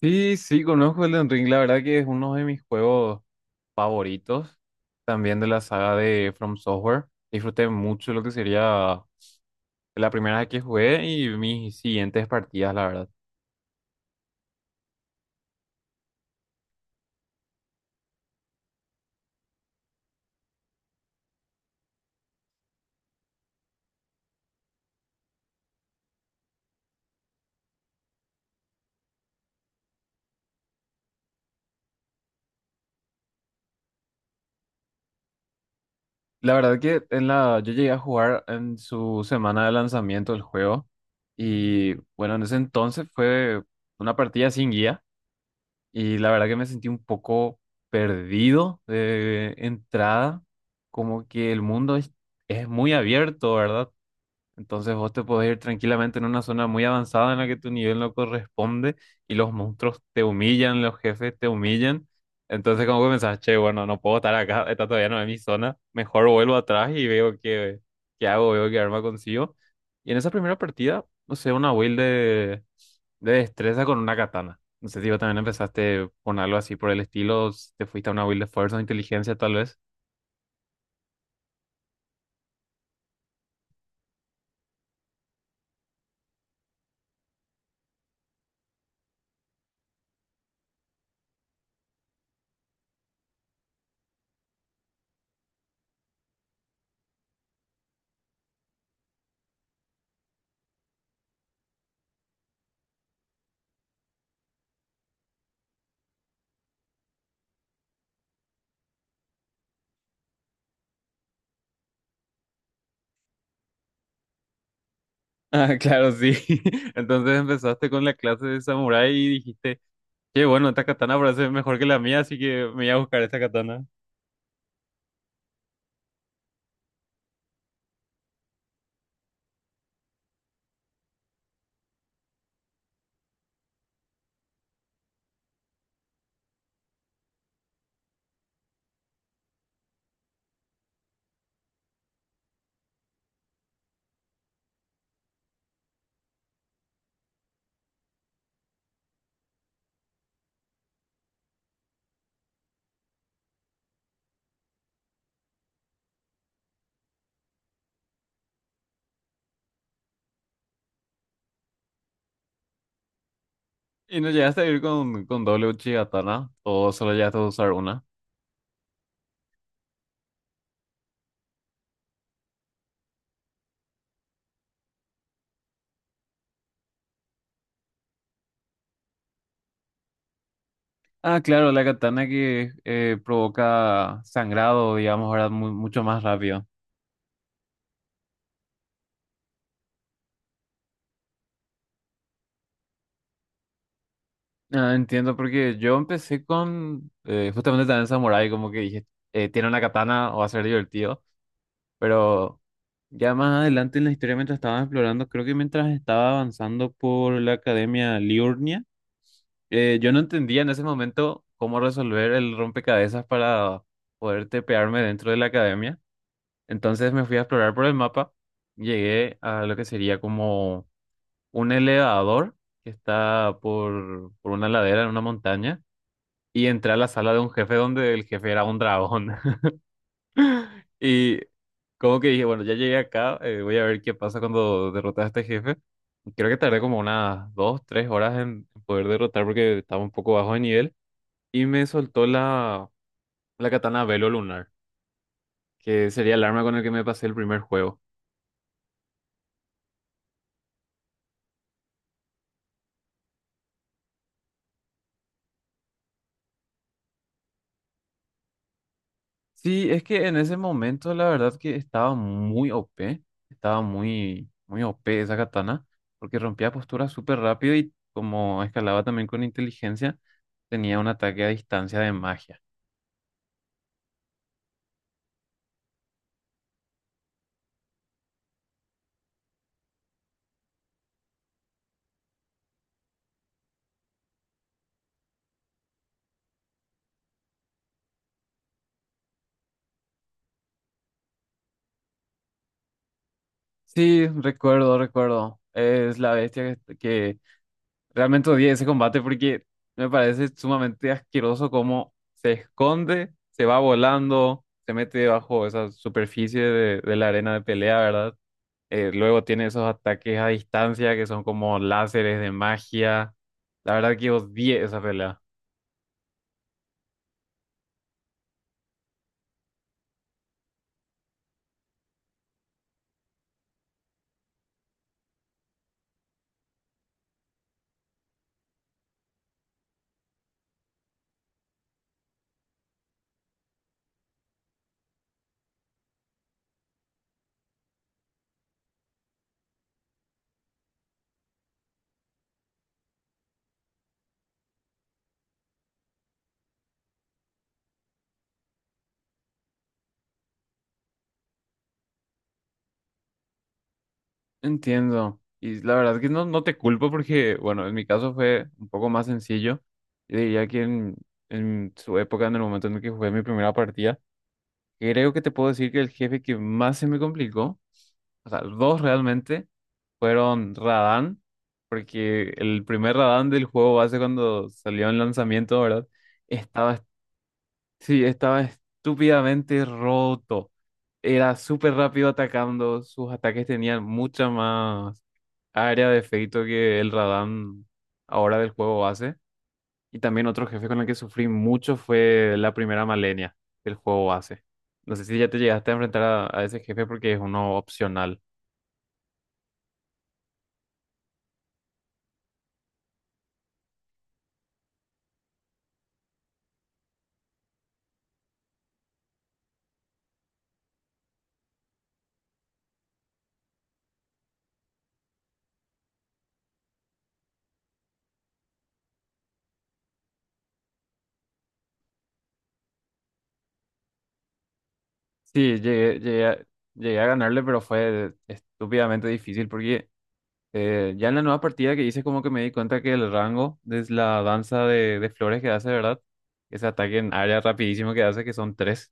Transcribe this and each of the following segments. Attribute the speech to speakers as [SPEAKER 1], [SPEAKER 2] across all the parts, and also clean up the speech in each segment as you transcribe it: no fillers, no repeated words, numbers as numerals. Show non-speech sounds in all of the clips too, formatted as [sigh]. [SPEAKER 1] Sí, sí, conozco Elden Ring. La verdad que es uno de mis juegos favoritos, también de la saga de From Software. Disfruté mucho lo que sería la primera vez que jugué y mis siguientes partidas, la verdad. La verdad que yo llegué a jugar en su semana de lanzamiento del juego y bueno, en ese entonces fue una partida sin guía, y la verdad que me sentí un poco perdido de entrada, como que el mundo es muy abierto, ¿verdad? Entonces vos te podés ir tranquilamente en una zona muy avanzada en la que tu nivel no corresponde y los monstruos te humillan, los jefes te humillan. Entonces como que pensás: che, bueno, no puedo estar acá, esta todavía no es mi zona, mejor vuelvo atrás y veo qué, qué hago, veo qué arma consigo. Y en esa primera partida, no sé, una build de destreza con una katana. No sé si vos también empezaste con algo así por el estilo, si te fuiste a una build de fuerza o inteligencia tal vez. [laughs] Ah, claro, sí. [laughs] ¿Entonces empezaste con la clase de samurái y dijiste... qué bueno, esta katana parece mejor que la mía, así que me voy a buscar esta katana? ¿Y no llegaste a ir con doble uchi katana? ¿O solo llegaste a usar una? Ah, claro, la katana que provoca sangrado, digamos, ahora mucho más rápido. Ah, entiendo, porque yo empecé con justamente también Samurai, como que dije: tiene una katana, o va a ser divertido. Pero ya más adelante en la historia, mientras estaba explorando, creo que mientras estaba avanzando por la academia Liurnia, yo no entendía en ese momento cómo resolver el rompecabezas para poder tepearme dentro de la academia. Entonces me fui a explorar por el mapa. Llegué a lo que sería como un elevador que está por una ladera en una montaña. Y entré a la sala de un jefe donde el jefe era un dragón. [laughs] Y como que dije: bueno, ya llegué acá, voy a ver qué pasa cuando derrotas a este jefe. Creo que tardé como unas dos, tres horas en poder derrotar porque estaba un poco bajo de nivel. Y me soltó la katana Velo Lunar, que sería el arma con el que me pasé el primer juego. Sí, es que en ese momento la verdad que estaba muy OP, estaba muy, muy OP esa katana, porque rompía posturas súper rápido y como escalaba también con inteligencia, tenía un ataque a distancia de magia. Sí, recuerdo, recuerdo. Es la bestia que realmente odié ese combate porque me parece sumamente asqueroso cómo se esconde, se va volando, se mete debajo de esa superficie de la arena de pelea, ¿verdad? Luego tiene esos ataques a distancia que son como láseres de magia. La verdad que odié esa pelea. Entiendo. Y la verdad que no, no te culpo porque, bueno, en mi caso fue un poco más sencillo. Yo diría que en su época, en el momento en el que jugué mi primera partida, creo que te puedo decir que el jefe que más se me complicó, o sea, dos realmente, fueron Radan, porque el primer Radan del juego base cuando salió en lanzamiento, ¿verdad? Estaba, sí, estaba estúpidamente roto. Era súper rápido atacando, sus ataques tenían mucha más área de efecto que el Radan ahora del juego base. Y también otro jefe con el que sufrí mucho fue la primera Malenia del juego base. No sé si ya te llegaste a enfrentar a ese jefe porque es uno opcional. Sí, llegué, llegué a ganarle, pero fue estúpidamente difícil porque ya en la nueva partida que hice como que me di cuenta que el rango de la danza de flores que hace, ¿verdad? Ese ataque en área rapidísimo que hace, que son tres,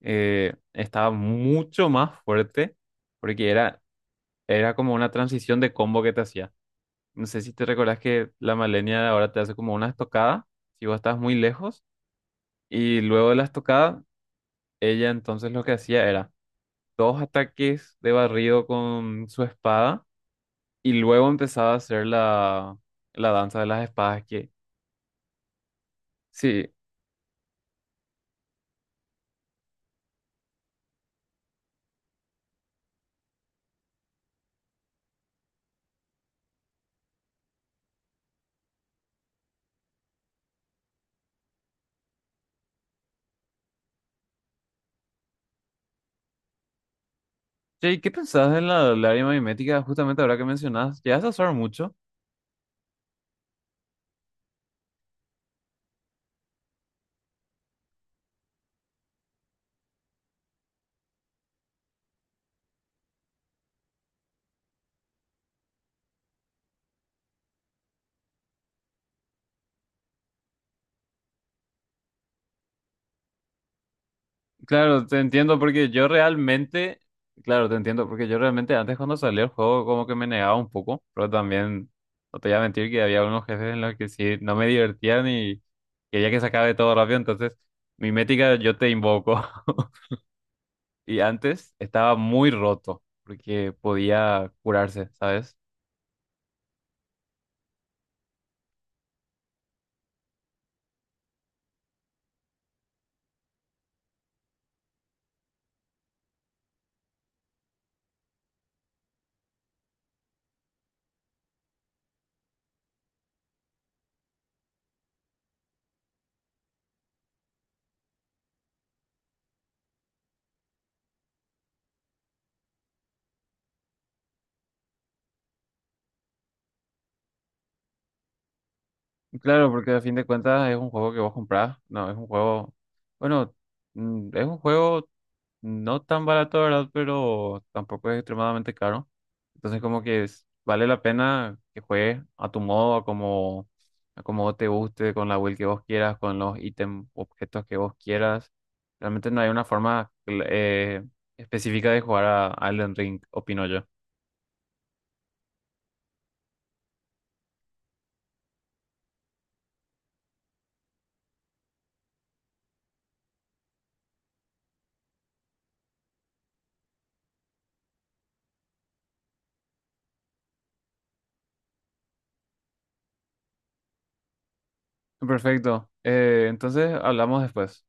[SPEAKER 1] estaba mucho más fuerte porque era, era como una transición de combo que te hacía. No sé si te recordás que la Malenia de ahora te hace como una estocada, si vos estás muy lejos, y luego de la estocada, ella entonces lo que hacía era dos ataques de barrido con su espada, y luego empezaba a hacer la danza de las espadas que... Sí. Che, ¿y qué pensás de la lágrima mimética? Justamente ahora que mencionás, ¿llegas a usar mucho? Claro, te entiendo porque yo realmente, claro, te entiendo porque yo realmente antes cuando salió el juego como que me negaba un poco, pero también no te voy a mentir que había unos jefes en los que sí no me divertían y quería que se acabe todo rápido, entonces mi métrica yo te invoco. [laughs] Y antes estaba muy roto porque podía curarse, ¿sabes? Claro, porque a fin de cuentas es un juego que vos comprás. No, es un juego. Bueno, es un juego no tan barato, ¿verdad? Pero tampoco es extremadamente caro. Entonces, como que vale la pena que juegues a tu modo, a como te guste, con la build que vos quieras, con los ítems, objetos que vos quieras. Realmente no hay una forma específica de jugar a Elden Ring, opino yo. Perfecto. Entonces, hablamos después.